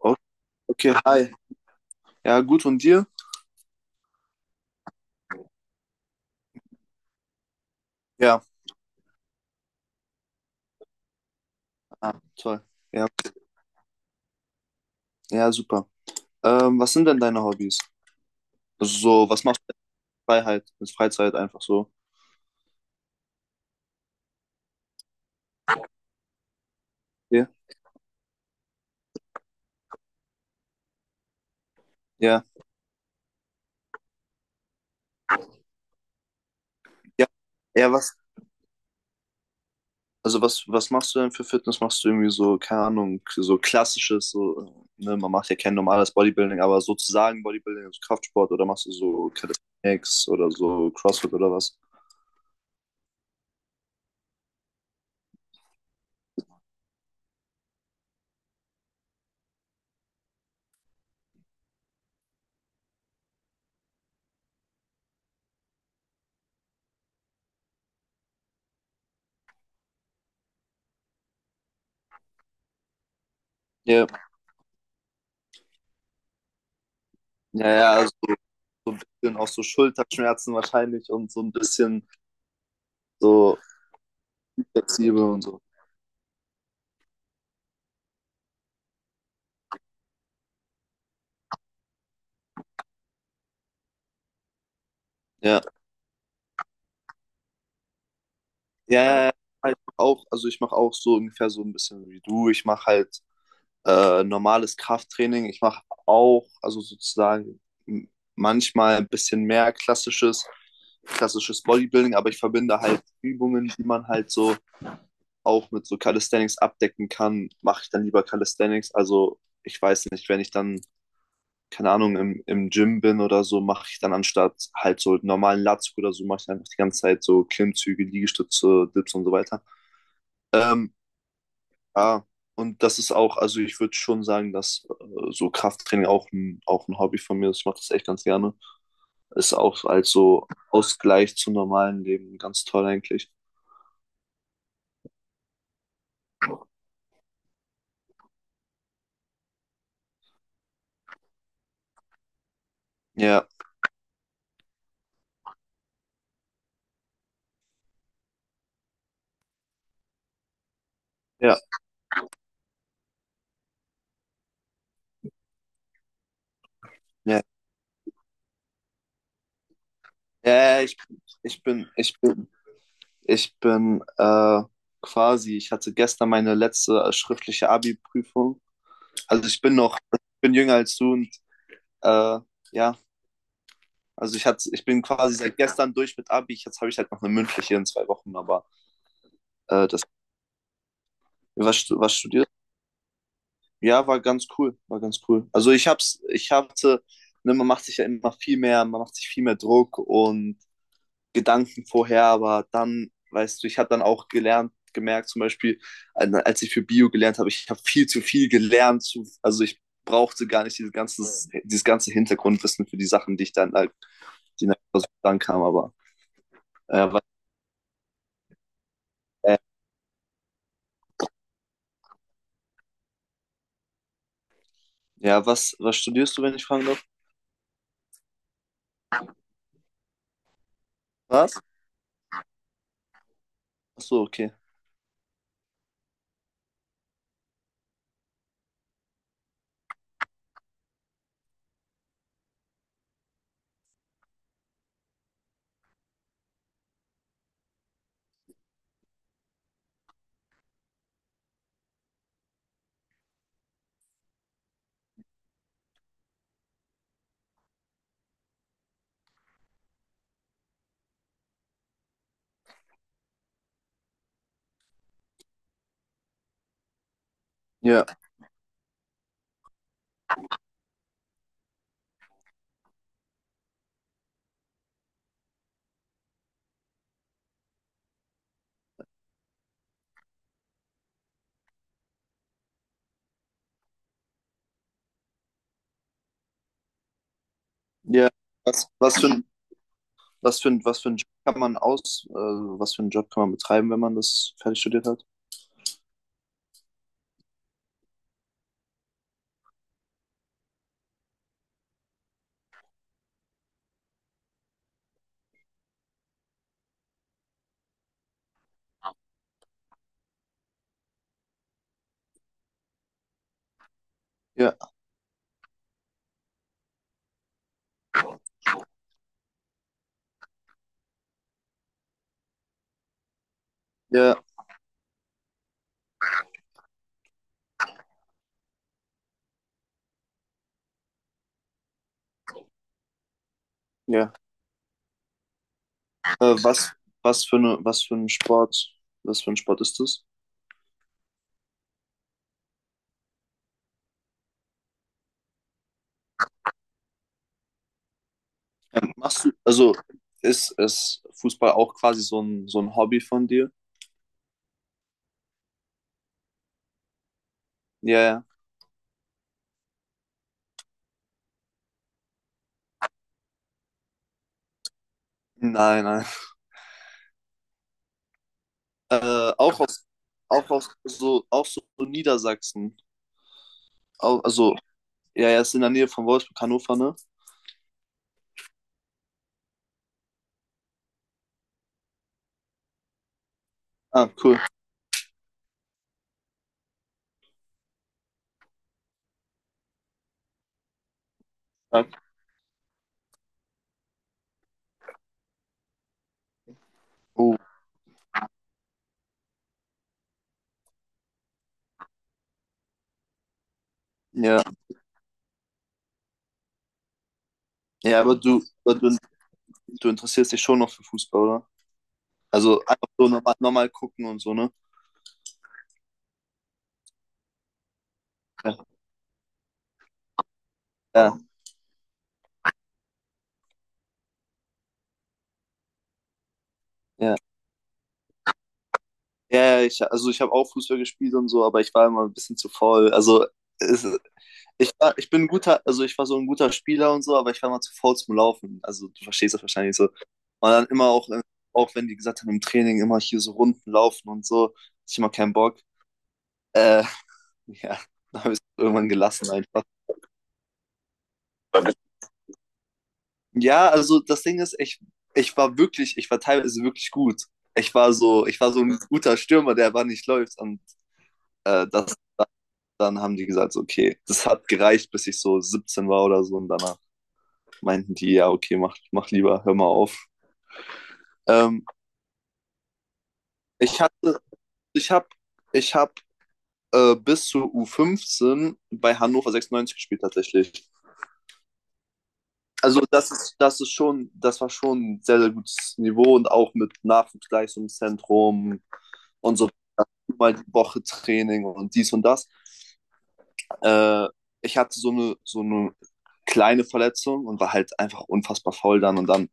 O- Okay, hi. Ja, gut, und dir? Ja, ah, toll. Ja, ja, super. Was sind denn deine Hobbys? Also so, was machst du in Freiheit, in Freizeit einfach so? Ja, ja, ja, ja, was? Also was machst du denn für Fitness? Machst du irgendwie so, keine Ahnung, so klassisches, so, ne, man macht ja kein normales Bodybuilding, aber sozusagen Bodybuilding, also Kraftsport, oder machst du so Calisthenics oder so CrossFit oder was? Ja, ja, ja, also sind auch so Schulterschmerzen wahrscheinlich und so ein bisschen so flexibel und so. Ja, ja, ja, ja. Ja, ich mach auch, also ich mache auch so ungefähr so ein bisschen wie du. Ich mache halt normales Krafttraining. Ich mache auch, also sozusagen manchmal ein bisschen mehr klassisches Bodybuilding, aber ich verbinde halt Übungen, die man halt so auch mit so Calisthenics abdecken kann, mache ich dann lieber Calisthenics. Also ich weiß nicht, wenn ich dann, keine Ahnung, im Gym bin oder so, mache ich dann anstatt halt so normalen Latzug oder so, mache ich einfach die ganze Zeit so Klimmzüge, Liegestütze, Dips und so weiter. Ähm, ja, und das ist auch, also ich würde schon sagen, dass so Krafttraining auch ein Hobby von mir ist. Ich mache das echt ganz gerne. Ist auch als so Ausgleich zum normalen Leben ganz toll eigentlich. Ja, ja, ja. Ja, ja, ja, ich bin, ich bin, ich bin quasi, ich hatte gestern meine letzte schriftliche Abi-Prüfung. Also ich bin noch, ich bin jünger als du und äh, ja, also ich hatte, ich bin quasi seit gestern durch mit Abi. Jetzt habe ich halt noch eine mündliche in zwei Wochen, aber Äh, das, was studierst du? Ja, war ganz cool, war ganz cool. Also ich hatte, ne, man macht sich ja immer viel mehr, man macht sich viel mehr Druck und Gedanken vorher, aber dann, weißt du, ich habe dann auch gemerkt, zum Beispiel, als ich für Bio gelernt habe, ich habe viel zu viel gelernt, zu, also ich brauchte gar nicht dieses ganze Hintergrundwissen für die Sachen, die ich dann halt, die nach dann kam, aber äh, was, äh, ja, was studierst du, wenn ich fragen darf? Was? Achso, okay. Ja, ja. Was, was für, was für ein Job kann man was für einen Job kann man betreiben, wenn man das fertig studiert hat? Ja, ja, ja. Was, was für eine, was für ein Sport, was für ein Sport ist das? Machst du, also ist Fußball auch quasi so ein Hobby von dir? Ja, ja. Nein, nein. Äh, auch aus, auch aus, so, auch so Niedersachsen. Au- also, ja, ja, ist in der Nähe von Wolfsburg, Hannover, ne? Ah, cool. Ja, cool. Ja, ja, aber du interessierst dich schon noch für Fußball, oder? Also einfach so nochmal nochmal gucken und so, ne? Ja, ja. Ja, ja, ja, ich, also ich habe auch Fußball gespielt und so, aber ich war immer ein bisschen zu faul. Es, ich war, ich bin ein guter, also ich war so ein guter Spieler und so, aber ich war immer zu faul zum Laufen. Also du verstehst das wahrscheinlich so. Und dann immer auch, auch wenn die gesagt haben, im Training immer hier so Runden laufen und so, hatte ich immer keinen Bock. Äh, ja, dann habe ich es irgendwann gelassen einfach. Ja, also das Ding ist, ich war wirklich, ich war teilweise wirklich gut. Ich war so ein guter Stürmer, der aber nicht läuft. Und äh, das, dann haben die gesagt, so, okay, das hat gereicht, bis ich so 17 war oder so. Und danach meinten die, ja, okay, mach, mach lieber, hör mal auf. Ähm, ich hatte, ich hab, ich hab Bis zur U15 bei Hannover 96 gespielt tatsächlich. Also das ist schon, das war schon ein sehr, sehr gutes Niveau und auch mit Nachwuchsleistungszentrum und so mal die Woche Training und dies und das. Äh, Ich hatte so eine kleine Verletzung und war halt einfach unfassbar faul dann. Und dann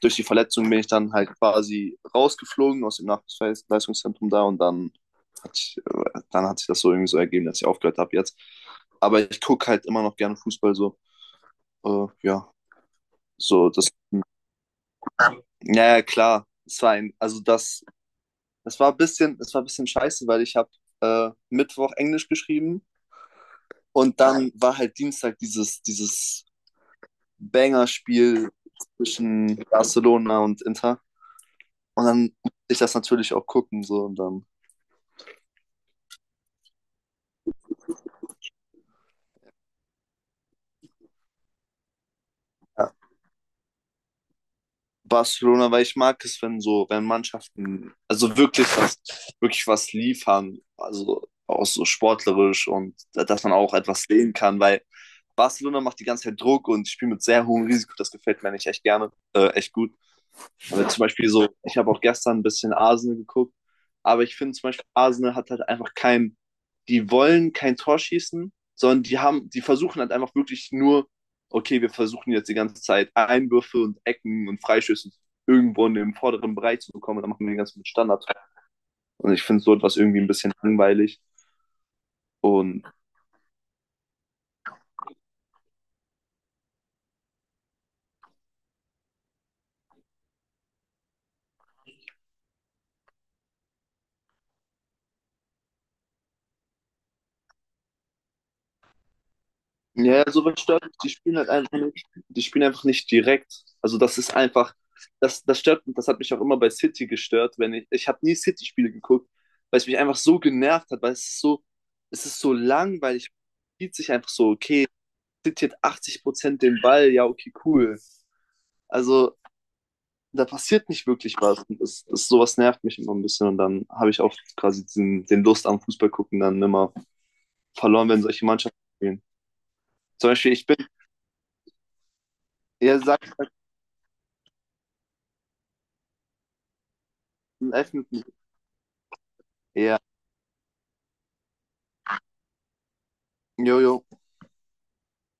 durch die Verletzung bin ich dann halt quasi rausgeflogen aus dem Nachwuchsleistungszentrum da. Und dann dann hat sich das so irgendwie so ergeben, dass ich aufgehört habe jetzt. Aber ich gucke halt immer noch gerne Fußball so. Ja, so das. Naja, klar. Es war ein bisschen, es war ein bisschen scheiße, weil ich habe Mittwoch Englisch geschrieben. Und dann war halt Dienstag dieses Banger-Spiel zwischen Barcelona und Inter. Und dann musste ich das natürlich auch gucken. So. Und dann ja. Barcelona, weil ich mag es, wenn so, wenn Mannschaften, wirklich was liefern. Also auch so sportlerisch und dass man auch etwas sehen kann, weil Barcelona macht die ganze Zeit Druck und spielt mit sehr hohem Risiko. Das gefällt mir nicht echt gerne, echt gut. Aber zum Beispiel so, ich habe auch gestern ein bisschen Arsenal geguckt, aber ich finde zum Beispiel, Arsenal hat halt einfach kein, die wollen kein Tor schießen, sondern die versuchen halt einfach wirklich nur, okay, wir versuchen jetzt die ganze Zeit Einwürfe und Ecken und Freischüsse irgendwo in den vorderen Bereich zu bekommen und dann machen wir den ganzen Standard. Und ich finde so etwas irgendwie ein bisschen langweilig. Und ja, ja, sowas stört mich. Die spielen halt einfach nicht, die spielen einfach nicht direkt. Das stört mich, das hat mich auch immer bei City gestört, wenn ich, ich habe nie City-Spiele geguckt, weil es mich einfach so genervt hat, weil es ist so langweilig, spielt sich einfach so, okay, City hat 80% den Ball, ja, okay, cool. Also da passiert nicht wirklich was. Und sowas nervt mich immer ein bisschen und dann habe ich auch quasi den Lust am Fußball gucken dann immer verloren, wenn solche Mannschaften spielen. Zum Beispiel, ich bin, ja, sag, ich bin elf. Ja, Jojo.